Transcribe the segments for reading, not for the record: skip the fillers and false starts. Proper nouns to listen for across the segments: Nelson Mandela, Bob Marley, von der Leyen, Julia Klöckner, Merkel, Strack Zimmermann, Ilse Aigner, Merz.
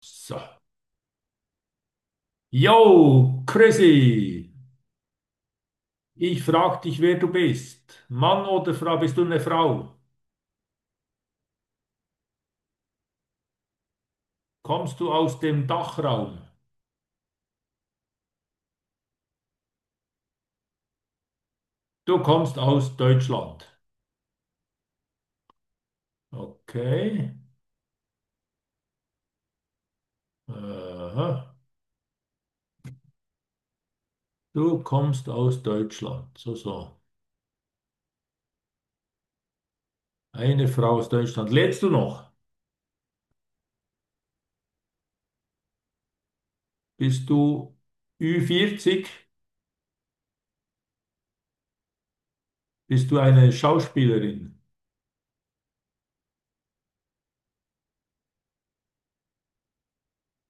So. Yo, Chrissy, ich frag dich, wer du bist. Mann oder Frau, bist du eine Frau? Kommst du aus dem Dachraum? Du kommst aus Deutschland. Okay. Aha. Du kommst aus Deutschland. So, so. Eine Frau aus Deutschland. Lebst du noch? Bist du ü 40? Bist du eine Schauspielerin?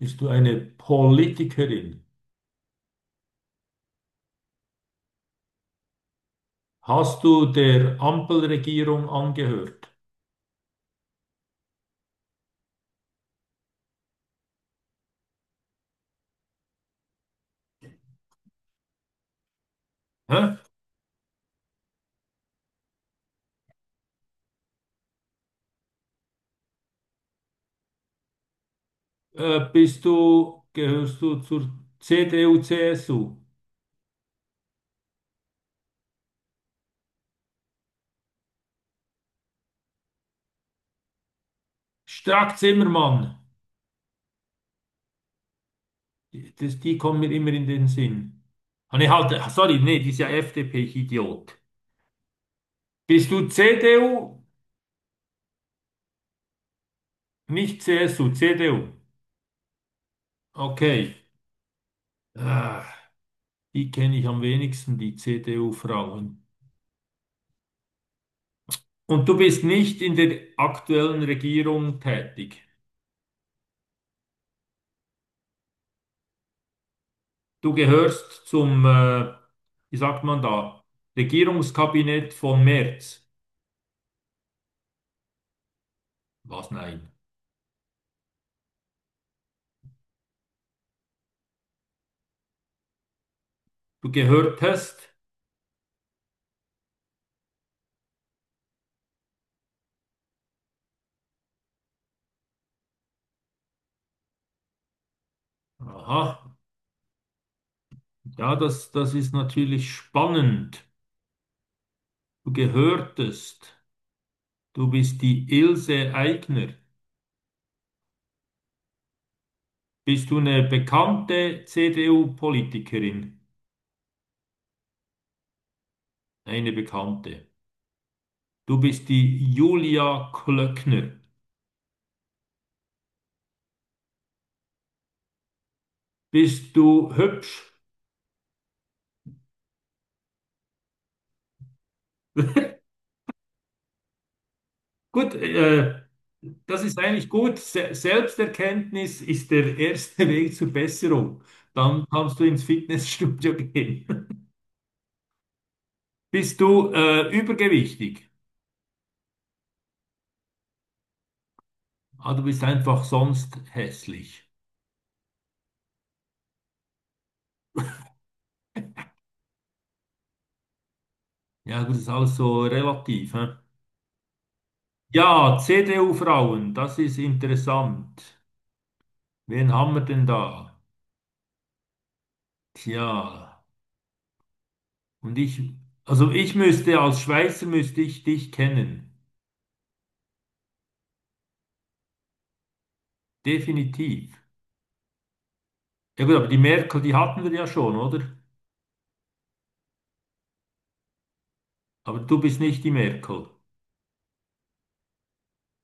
Bist du eine Politikerin? Hast du der Ampelregierung angehört? Hä? Bist gehörst du zur CDU, CSU? Strack Zimmermann, die kommen mir immer in den Sinn. Ah, nee, halt, ah, sorry, nee, die ist ja FDP, ich Idiot. Bist du CDU? Nicht CSU, CDU. Okay. Ah, die kenne ich am wenigsten, die CDU-Frauen. Und du bist nicht in der aktuellen Regierung tätig. Du gehörst zum, wie sagt man da, Regierungskabinett von Merz. Was? Nein. Du gehört hast. Aha, ja, das ist natürlich spannend. Du gehörtest. Du bist die Ilse Aigner. Bist du eine bekannte CDU-Politikerin? Eine bekannte. Du bist die Julia Klöckner. Bist du hübsch? Gut, das ist eigentlich gut. Se Selbsterkenntnis ist der erste Weg zur Besserung. Dann kannst du ins Fitnessstudio gehen. Bist du übergewichtig? Ah, du bist einfach sonst hässlich. Ja, gut, das ist alles so relativ. Hä? Ja, CDU-Frauen, das ist interessant. Wen haben wir denn da? Tja, und ich, also ich müsste, als Schweizer müsste ich dich kennen. Definitiv. Ja gut, aber die Merkel, die hatten wir ja schon, oder? Aber du bist nicht die Merkel.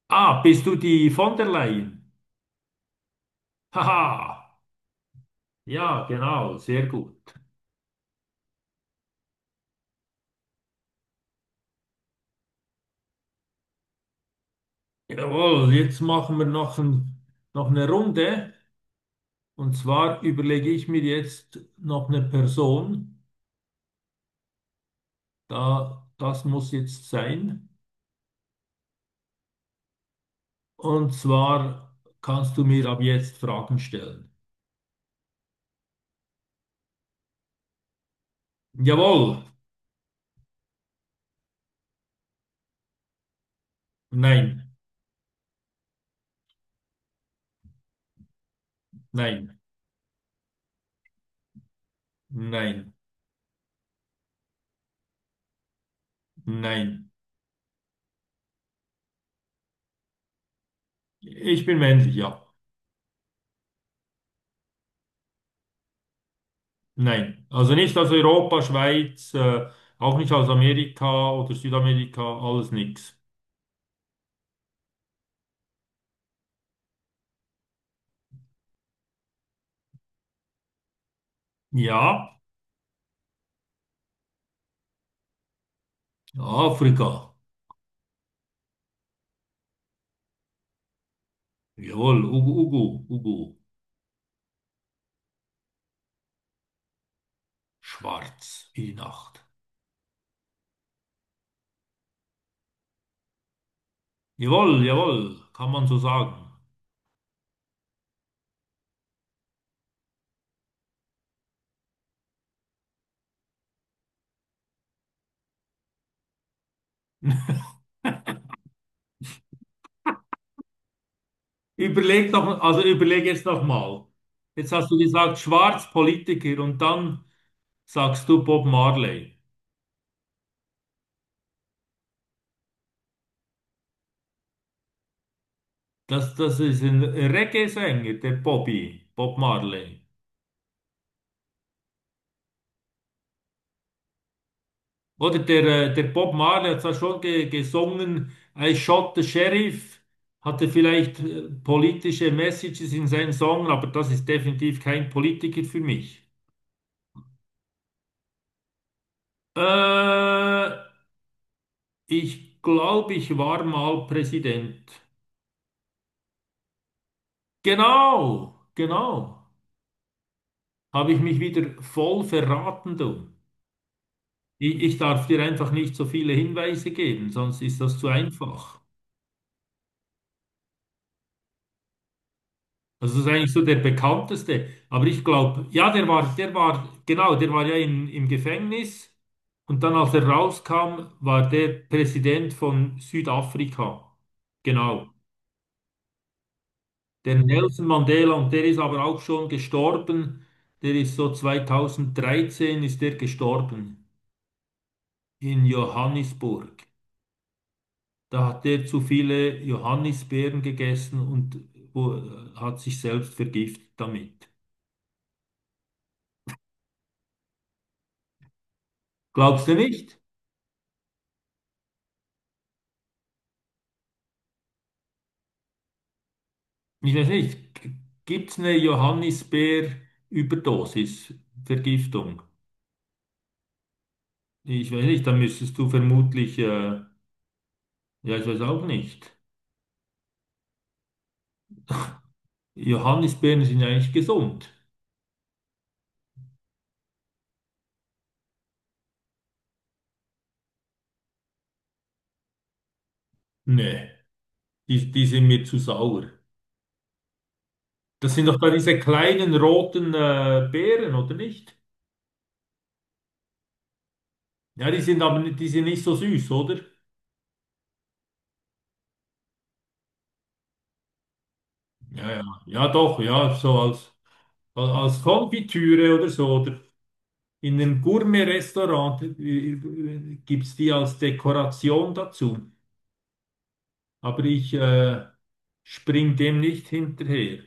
Ah, bist du die von der Leyen? Haha, ja, genau, sehr gut. Jawohl, jetzt machen wir noch eine Runde. Und zwar überlege ich mir jetzt noch eine Person, da das muss jetzt sein. Und zwar kannst du mir ab jetzt Fragen stellen. Jawohl, nein, nein, nein, nein. Ich bin männlich, ja. Nein. Also nicht aus Europa, Schweiz, auch nicht aus Amerika oder Südamerika, alles nix. Ja, Afrika. Jawohl, Ugu, Ugu, Ugu. Schwarz wie die Nacht. Jawohl, jawohl, kann man so sagen. Überleg doch, also überleg jetzt noch mal. Jetzt hast du gesagt, schwarz Politiker und dann sagst du Bob Marley. Das ist ein Reggae-Sänger, der Bobby, Bob Marley. Oder der Bob Marley hat zwar schon ge gesungen, I shot the sheriff, hatte vielleicht politische Messages in seinen Songs, aber das ist definitiv kein Politiker für mich. Äh, Ich glaube, ich war mal Präsident. Genau, genau. Habe ich mich wieder voll verraten, du. Ich darf dir einfach nicht so viele Hinweise geben, sonst ist das zu einfach. Also das ist eigentlich so der bekannteste. Aber ich glaube, ja, genau, der war ja im Gefängnis. Und dann, als er rauskam, war der Präsident von Südafrika. Genau. Der Nelson Mandela, und der ist aber auch schon gestorben, der ist so 2013 ist der gestorben in Johannisburg. Da hat der zu viele Johannisbeeren gegessen und hat sich selbst vergiftet damit. Glaubst du nicht? Ich weiß nicht. Gibt es eine Johannisbeer-Überdosis, Vergiftung? Ich weiß nicht, da müsstest du vermutlich, ja, ich weiß auch nicht. Johannisbeeren sind ja eigentlich gesund. Nee. Die sind mir zu sauer. Das sind doch da diese kleinen roten Beeren, oder nicht? Ja, die sind aber nicht, die sind nicht so süß, oder? Ja, ja, ja, doch, ja, so als, als Konfitüre oder so, oder in einem Gourmet-Restaurant gibt es die als Dekoration dazu. Aber ich spring dem nicht hinterher.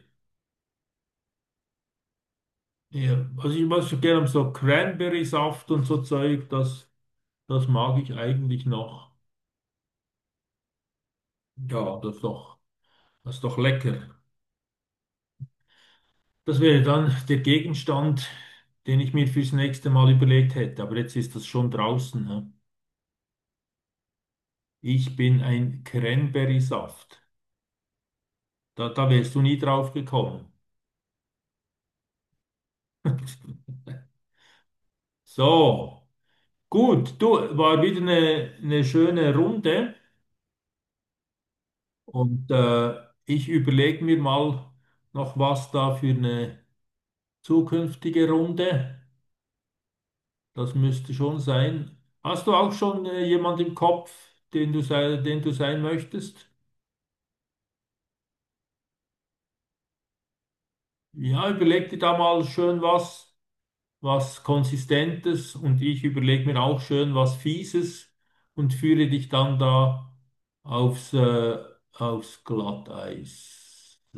Ja, also ich mag so gerne so Cranberry-Saft und so Zeug, das mag ich eigentlich noch. Ja, das doch. Das ist doch lecker. Das wäre dann der Gegenstand, den ich mir fürs nächste Mal überlegt hätte. Aber jetzt ist das schon draußen. Hä? Ich bin ein Cranberry-Saft. Da, da wärst du nie drauf gekommen. So, gut. Du, war wieder eine schöne Runde. Und ich überlege mir mal noch was da für eine zukünftige Runde. Das müsste schon sein. Hast du auch schon jemand im Kopf, den du sein möchtest? Ja, überleg dir da mal schön was, was Konsistentes, und ich überlege mir auch schön was Fieses und führe dich dann da aufs, aufs Glatteis.